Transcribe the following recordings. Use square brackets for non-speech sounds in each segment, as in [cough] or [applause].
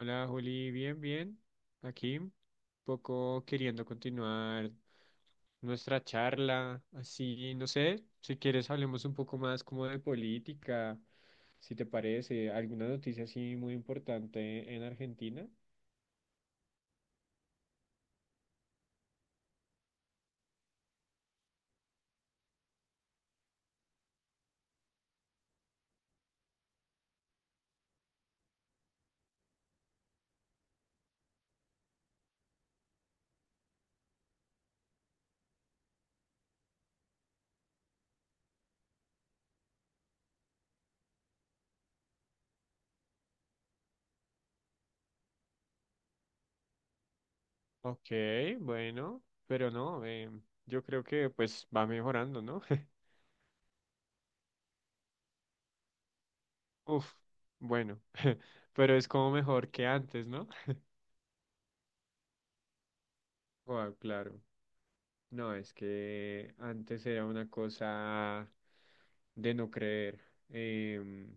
Hola Juli, bien, bien. Aquí, un poco queriendo continuar nuestra charla. Así, no sé, si quieres hablemos un poco más como de política, si te parece, alguna noticia así muy importante en Argentina. Ok, bueno, pero no, yo creo que pues va mejorando, ¿no? [laughs] Uf, bueno, [laughs] pero es como mejor que antes, ¿no? Ah, claro. No, es que antes era una cosa de no creer. Em,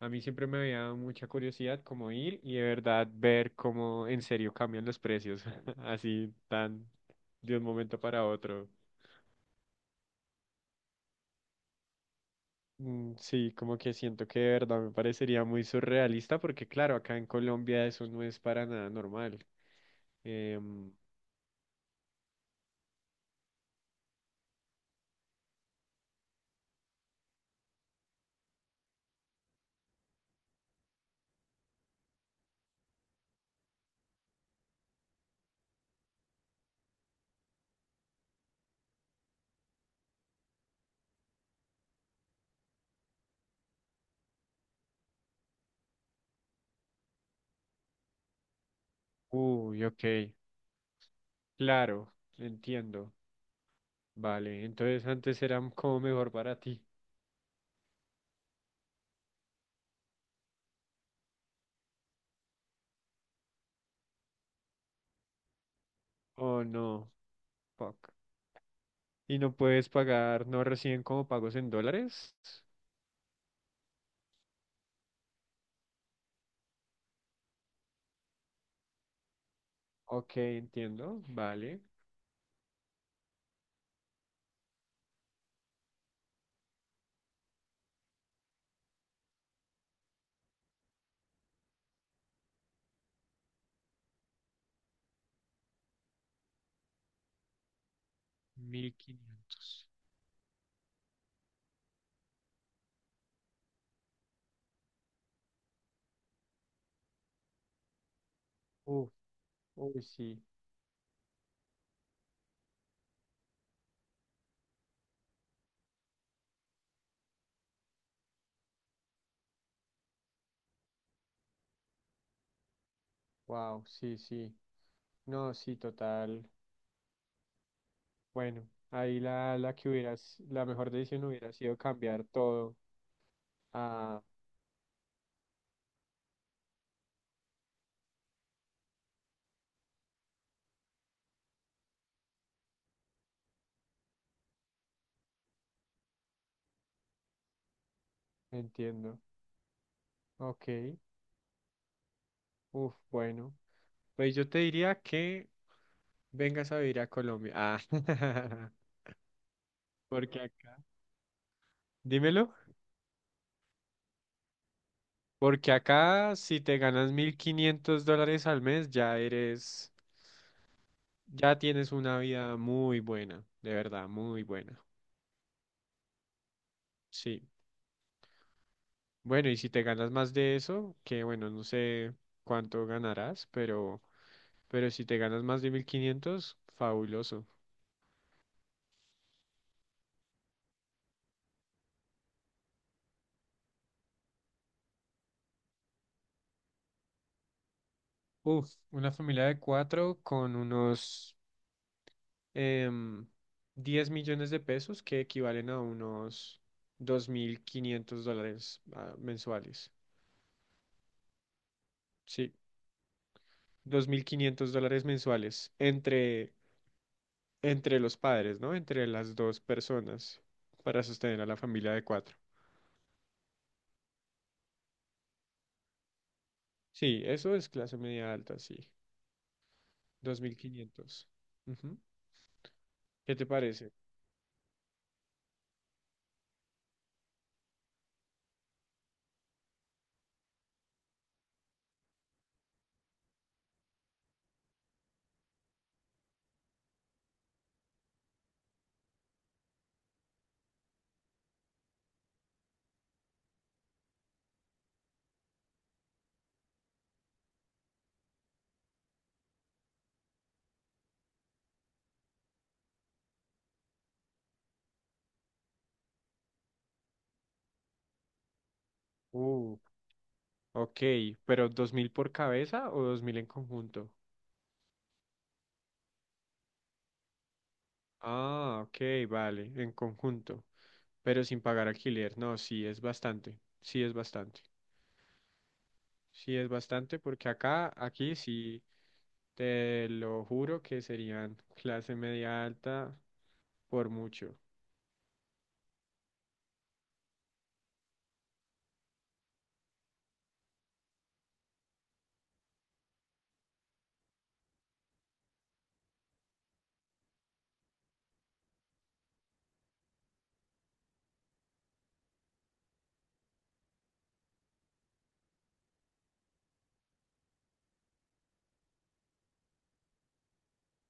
a mí siempre me había dado mucha curiosidad como ir y de verdad ver cómo en serio cambian los precios, [laughs] así tan de un momento para otro. Mm, sí, como que siento que de verdad me parecería muy surrealista porque claro, acá en Colombia eso no es para nada normal. Em, Uy, ok, claro, entiendo. Vale, entonces antes era como mejor para ti. Oh, no. Fuck. Y no puedes pagar, no reciben como pagos en dólares. Ok, entiendo. Vale. 1500. Uf, uy, sí. Wow, sí, sí. No, sí, total. Bueno, ahí la, la que hubieras, la mejor decisión hubiera sido cambiar todo. Ah, entiendo. Ok. Uf, bueno. Pues yo te diría que vengas a vivir a Colombia. Ah, [laughs] porque acá. Dímelo. Porque acá, si te ganas 1500 dólares al mes, ya eres, ya tienes una vida muy buena, de verdad, muy buena. Sí. Bueno, y si te ganas más de eso, que bueno, no sé cuánto ganarás, pero si te ganas más de 1500, fabuloso. Uf, una familia de cuatro con unos em, 10 millones de pesos que equivalen a unos 2500 dólares, ah, mensuales. Sí. 2500 dólares mensuales entre, entre los padres, ¿no? Entre las dos personas para sostener a la familia de cuatro. Sí, eso es clase media alta, sí. 2.500. Ujú. ¿Qué te parece? Uh, ok, ¿pero 2000 por cabeza o 2000 en conjunto? Ah, ok, vale, en conjunto, pero sin pagar alquiler. No, sí, es bastante, sí es bastante. Sí, es bastante porque acá, aquí sí, te lo juro que serían [laughs] clase media alta por mucho.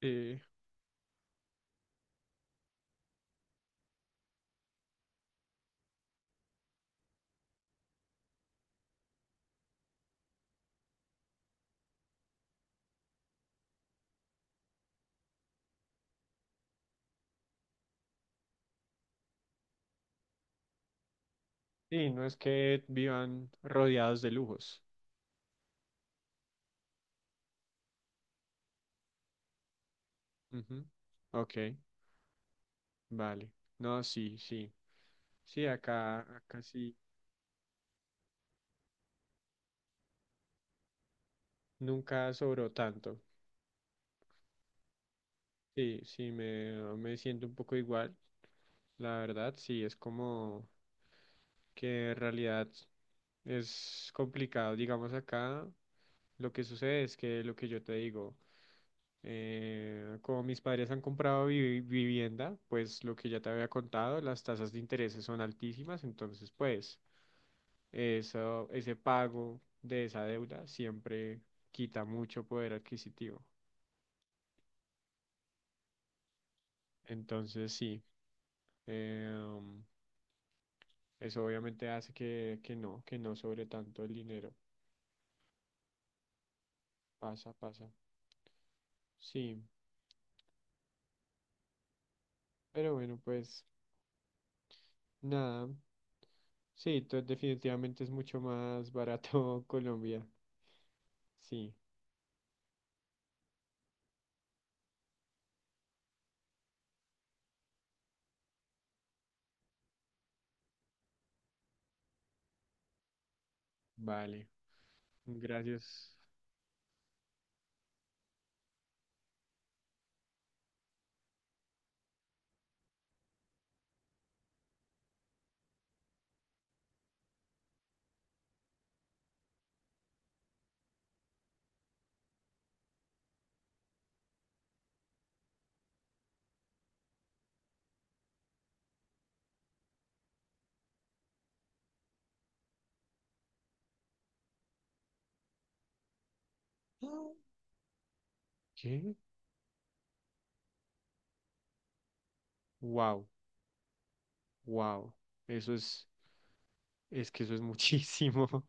Sí, y no es que vivan rodeados de lujos. Ujú. Ok, vale. No, sí, sí. Sí, acá, acá sí, nunca sobró tanto. Sí, sí, me siento un poco igual, la verdad, sí, es como que en realidad es complicado, digamos acá, lo que sucede es que lo que yo te digo, como mis padres han comprado vivienda, pues lo que ya te había contado, las tasas de interés son altísimas, entonces pues eso, ese pago de esa deuda siempre quita mucho poder adquisitivo. Entonces sí. em, Eso obviamente hace que no sobre tanto el dinero. Pasa, pasa. Sí, pero bueno, pues nada. Sí, definitivamente es mucho más barato [laughs] Colombia. Sí, vale. Gracias. Ah. ¿Qué? Wow, wow. Eso es que eso es muchísimo. [laughs]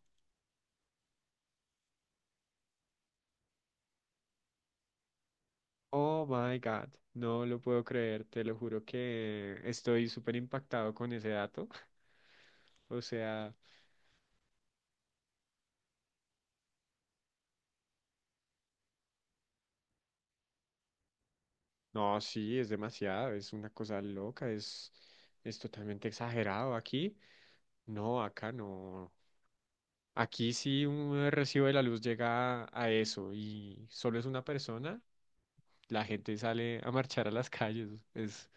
Oh my God. No lo puedo creer, te lo juro que estoy súper impactado con ese dato. [laughs] O sea. No, sí, es demasiado, es una cosa loca, es totalmente exagerado aquí. No, acá no. Aquí si un recibo de la luz llega a eso y solo es una persona, la gente sale a marchar a las [laughs] calles. Es,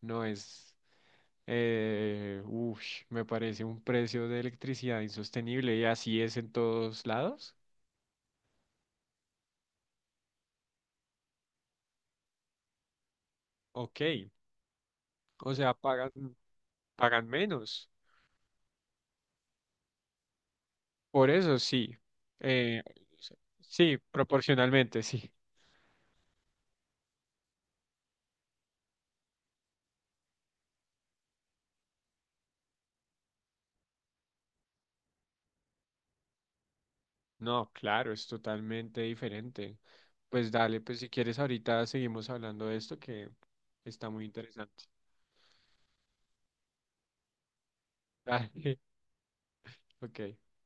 no es, ush, me parece un precio de electricidad insostenible y así es en todos lados. Ok, o sea, pagan, pagan menos. Por eso sí. eh, sí, proporcionalmente, sí. No, claro, es totalmente diferente. Pues dale, pues si quieres ahorita seguimos hablando de esto que está muy interesante. [laughs] Dale, ok.